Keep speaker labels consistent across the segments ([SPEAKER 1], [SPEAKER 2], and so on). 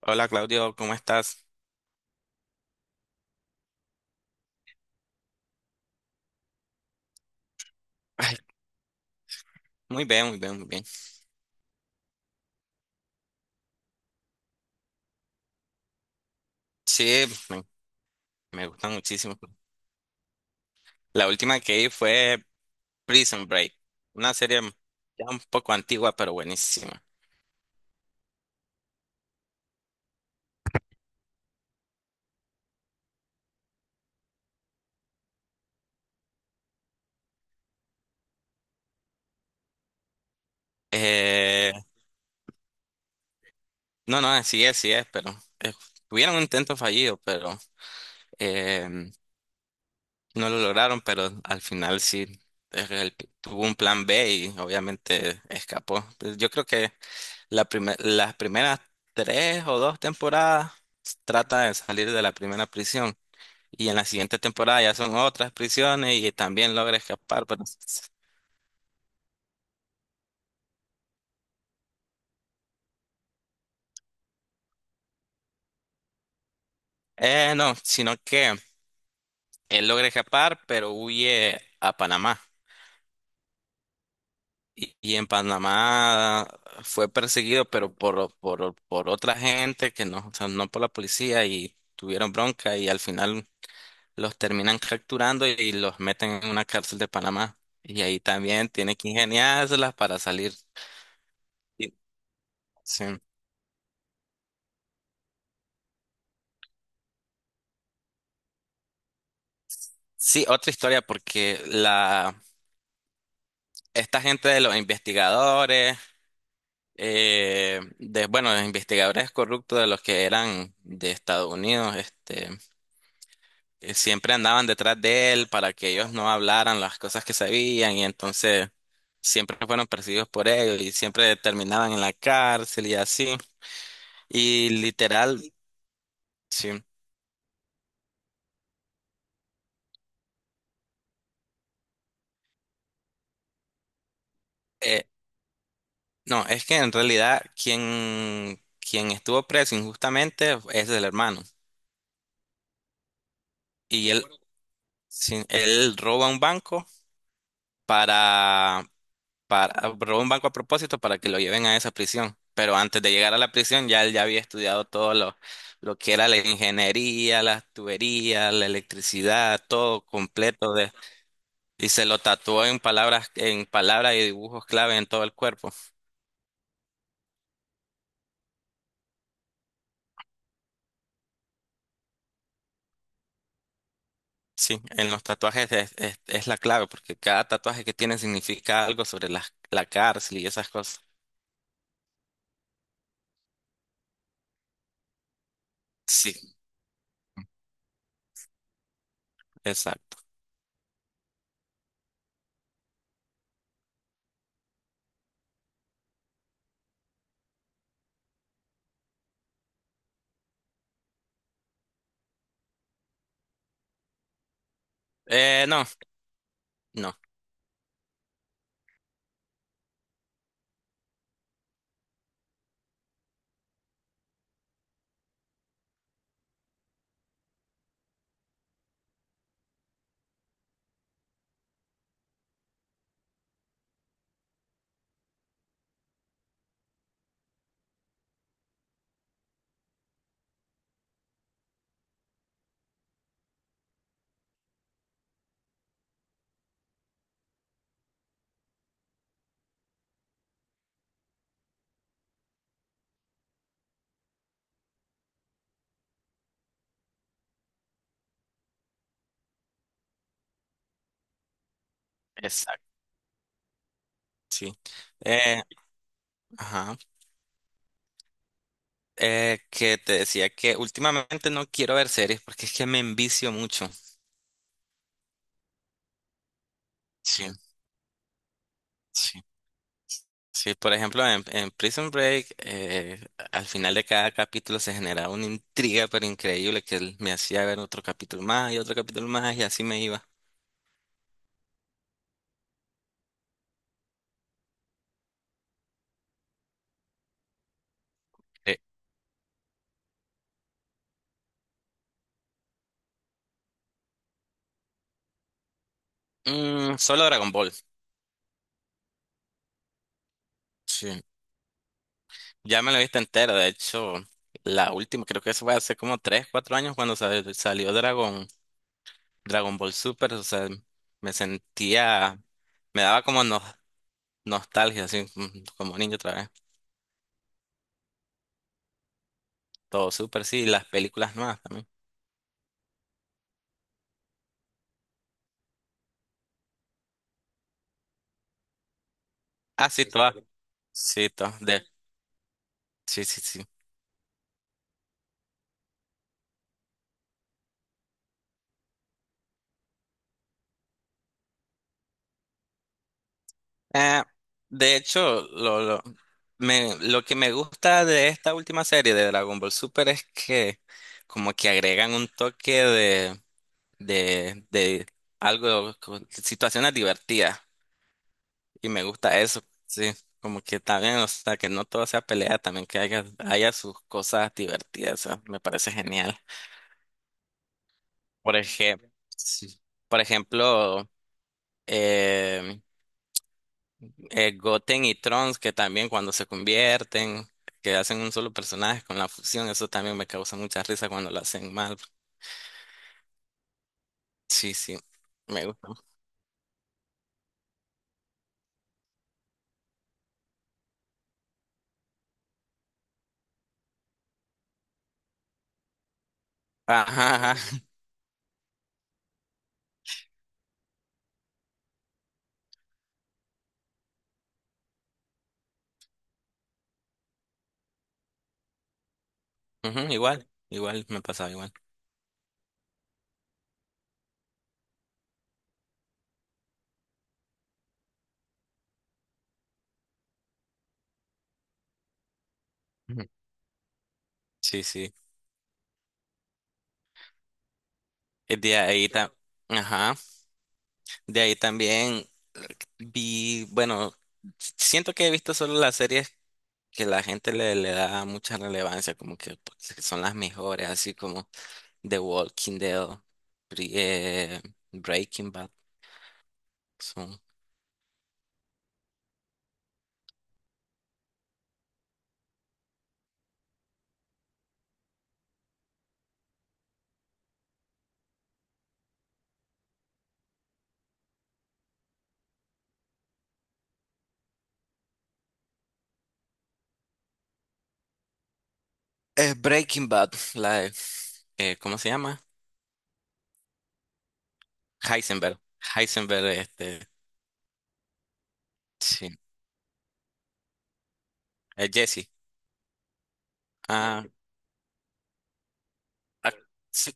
[SPEAKER 1] Hola Claudio, ¿cómo estás? Ay, muy bien, muy bien, muy bien. Sí, me, Me gusta muchísimo. La última que vi fue Prison Break, una serie ya un poco antigua, pero buenísima. Eh, no, no, así es, sí es, pero eh, tuvieron un intento fallido, pero eh, no lo lograron, pero al final sí eh, el- tuvo un plan B y obviamente escapó. Pues yo creo que las primeras tres o dos temporadas trata de salir de la primera prisión. Y en la siguiente temporada ya son otras prisiones y también logra escapar, pero... No, sino que él logra escapar, pero huye a Panamá. Y en Panamá fue perseguido, pero por otra gente que no, o sea, no por la policía y tuvieron bronca y al final los terminan capturando y los meten en una cárcel de Panamá. Y ahí también tiene que ingeniárselas para salir. Y- sí. Sí, otra historia porque la esta gente de los investigadores, bueno, los investigadores corruptos de los que eran de Estados Unidos, siempre andaban detrás de él para que ellos no hablaran las cosas que sabían y entonces siempre fueron perseguidos por él y siempre terminaban en la cárcel y así. Y literal, sí. eh, no, es que en realidad quien estuvo preso injustamente es el hermano. Y él, sí, él roba un banco para robó un banco a propósito para que lo lleven a esa prisión. Pero antes de llegar a la prisión, ya había estudiado lo que era la ingeniería, las tuberías, la electricidad, todo completo de, y se lo tatuó en palabras y dibujos clave en todo el cuerpo. Sí, en los tatuajes es la clave, porque cada tatuaje que tiene significa algo sobre la cárcel y esas cosas. Sí, exacto. No, no, exacto, sí. Eh, ajá. Que te decía que últimamente no quiero ver series porque es que me envicio mucho. Sí, sí. Sí, por ejemplo, en Prison Break, al final de cada capítulo se generaba una intriga pero increíble que él me hacía ver otro capítulo más y otro capítulo más y así me iba. Eh, Solo Dragon Ball. Sí. Ya me lo he visto entero, de hecho, la última, creo que eso fue hace como 3 4 años cuando salió Dragon Ball Super, o sea, me sentía, me daba como no nostalgia, sí, mm, como niño otra vez. Todo súper, sí, las películas nuevas también. Ah, sí, todas. Sí, todas. De, sí, sí, sí. Eh, de hecho, lo, me, Lo que me gusta de esta última serie de Dragon Ball Super es que como que agregan un toque de algo, como situaciones divertidas. Y me gusta eso, sí. Como que también, o sea, que no todo sea pelea, también que haya sus cosas divertidas, o sea, me parece genial. Por ejemplo, por ejemplo, eh, Goten y Trunks, que también cuando se convierten, que hacen un solo personaje con la fusión, eso también me causa mucha risa cuando lo hacen mal. Sí, sí, me gusta. Ajá, ajá. Ujú, igual, igual me pasaba igual. Ujú. Sí, sí. De ahí ta- ajá. De ahí también vi, bueno, siento que he visto solo la serie que la gente le da mucha relevancia, como que pues, que son las mejores, así como The Walking Dead, Bre- eh, Breaking Bad, son, Breaking Bad, la de, ¿cómo se llama? Heisenberg, Heisenberg, sí, Jesse, ah, ah, sí,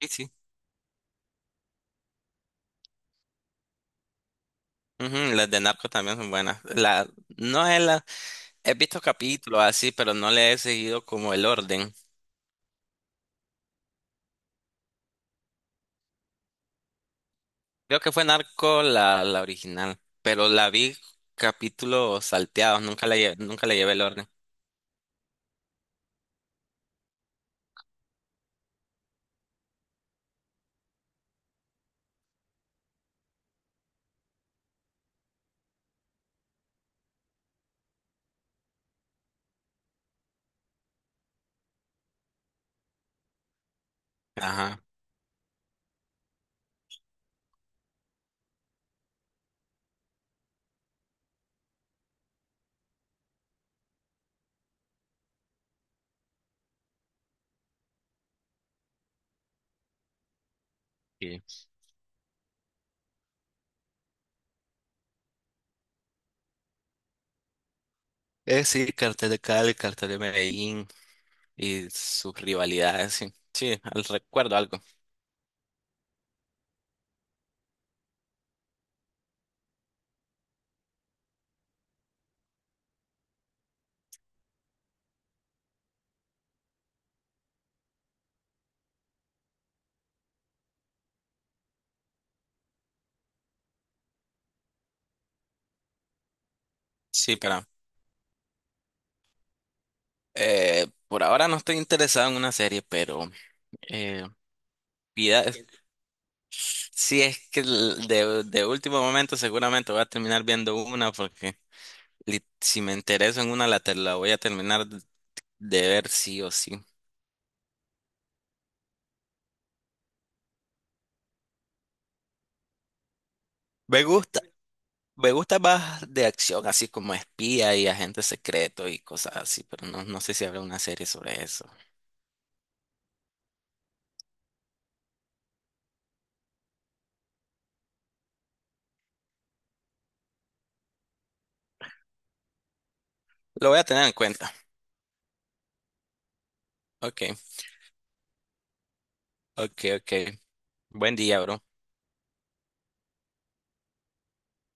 [SPEAKER 1] sí, sí. Ujú, las de Narco también son buenas. La, no es la, He visto capítulos así, pero no le he seguido como el orden. Creo que fue Narco la original, pero la vi capítulos salteados, nunca la llevé, nunca le llevé el orden. Ajá. Sí. Sí, Cartel de Cali, Cartel de Medellín y sus rivalidades, sí. Sí, al- recuerdo algo. Sí, pero por ahora no estoy interesado en una serie, pero eh, vida, si es que de último momento seguramente voy a terminar viendo una porque si me intereso en una la voy a terminar de ver sí o sí. Me gusta. Me gusta más de acción, así como espía y agente secreto y cosas así, pero no, no sé si habrá una serie sobre eso. Lo voy a tener en cuenta. Ok, ok, ok. Buen día, bro.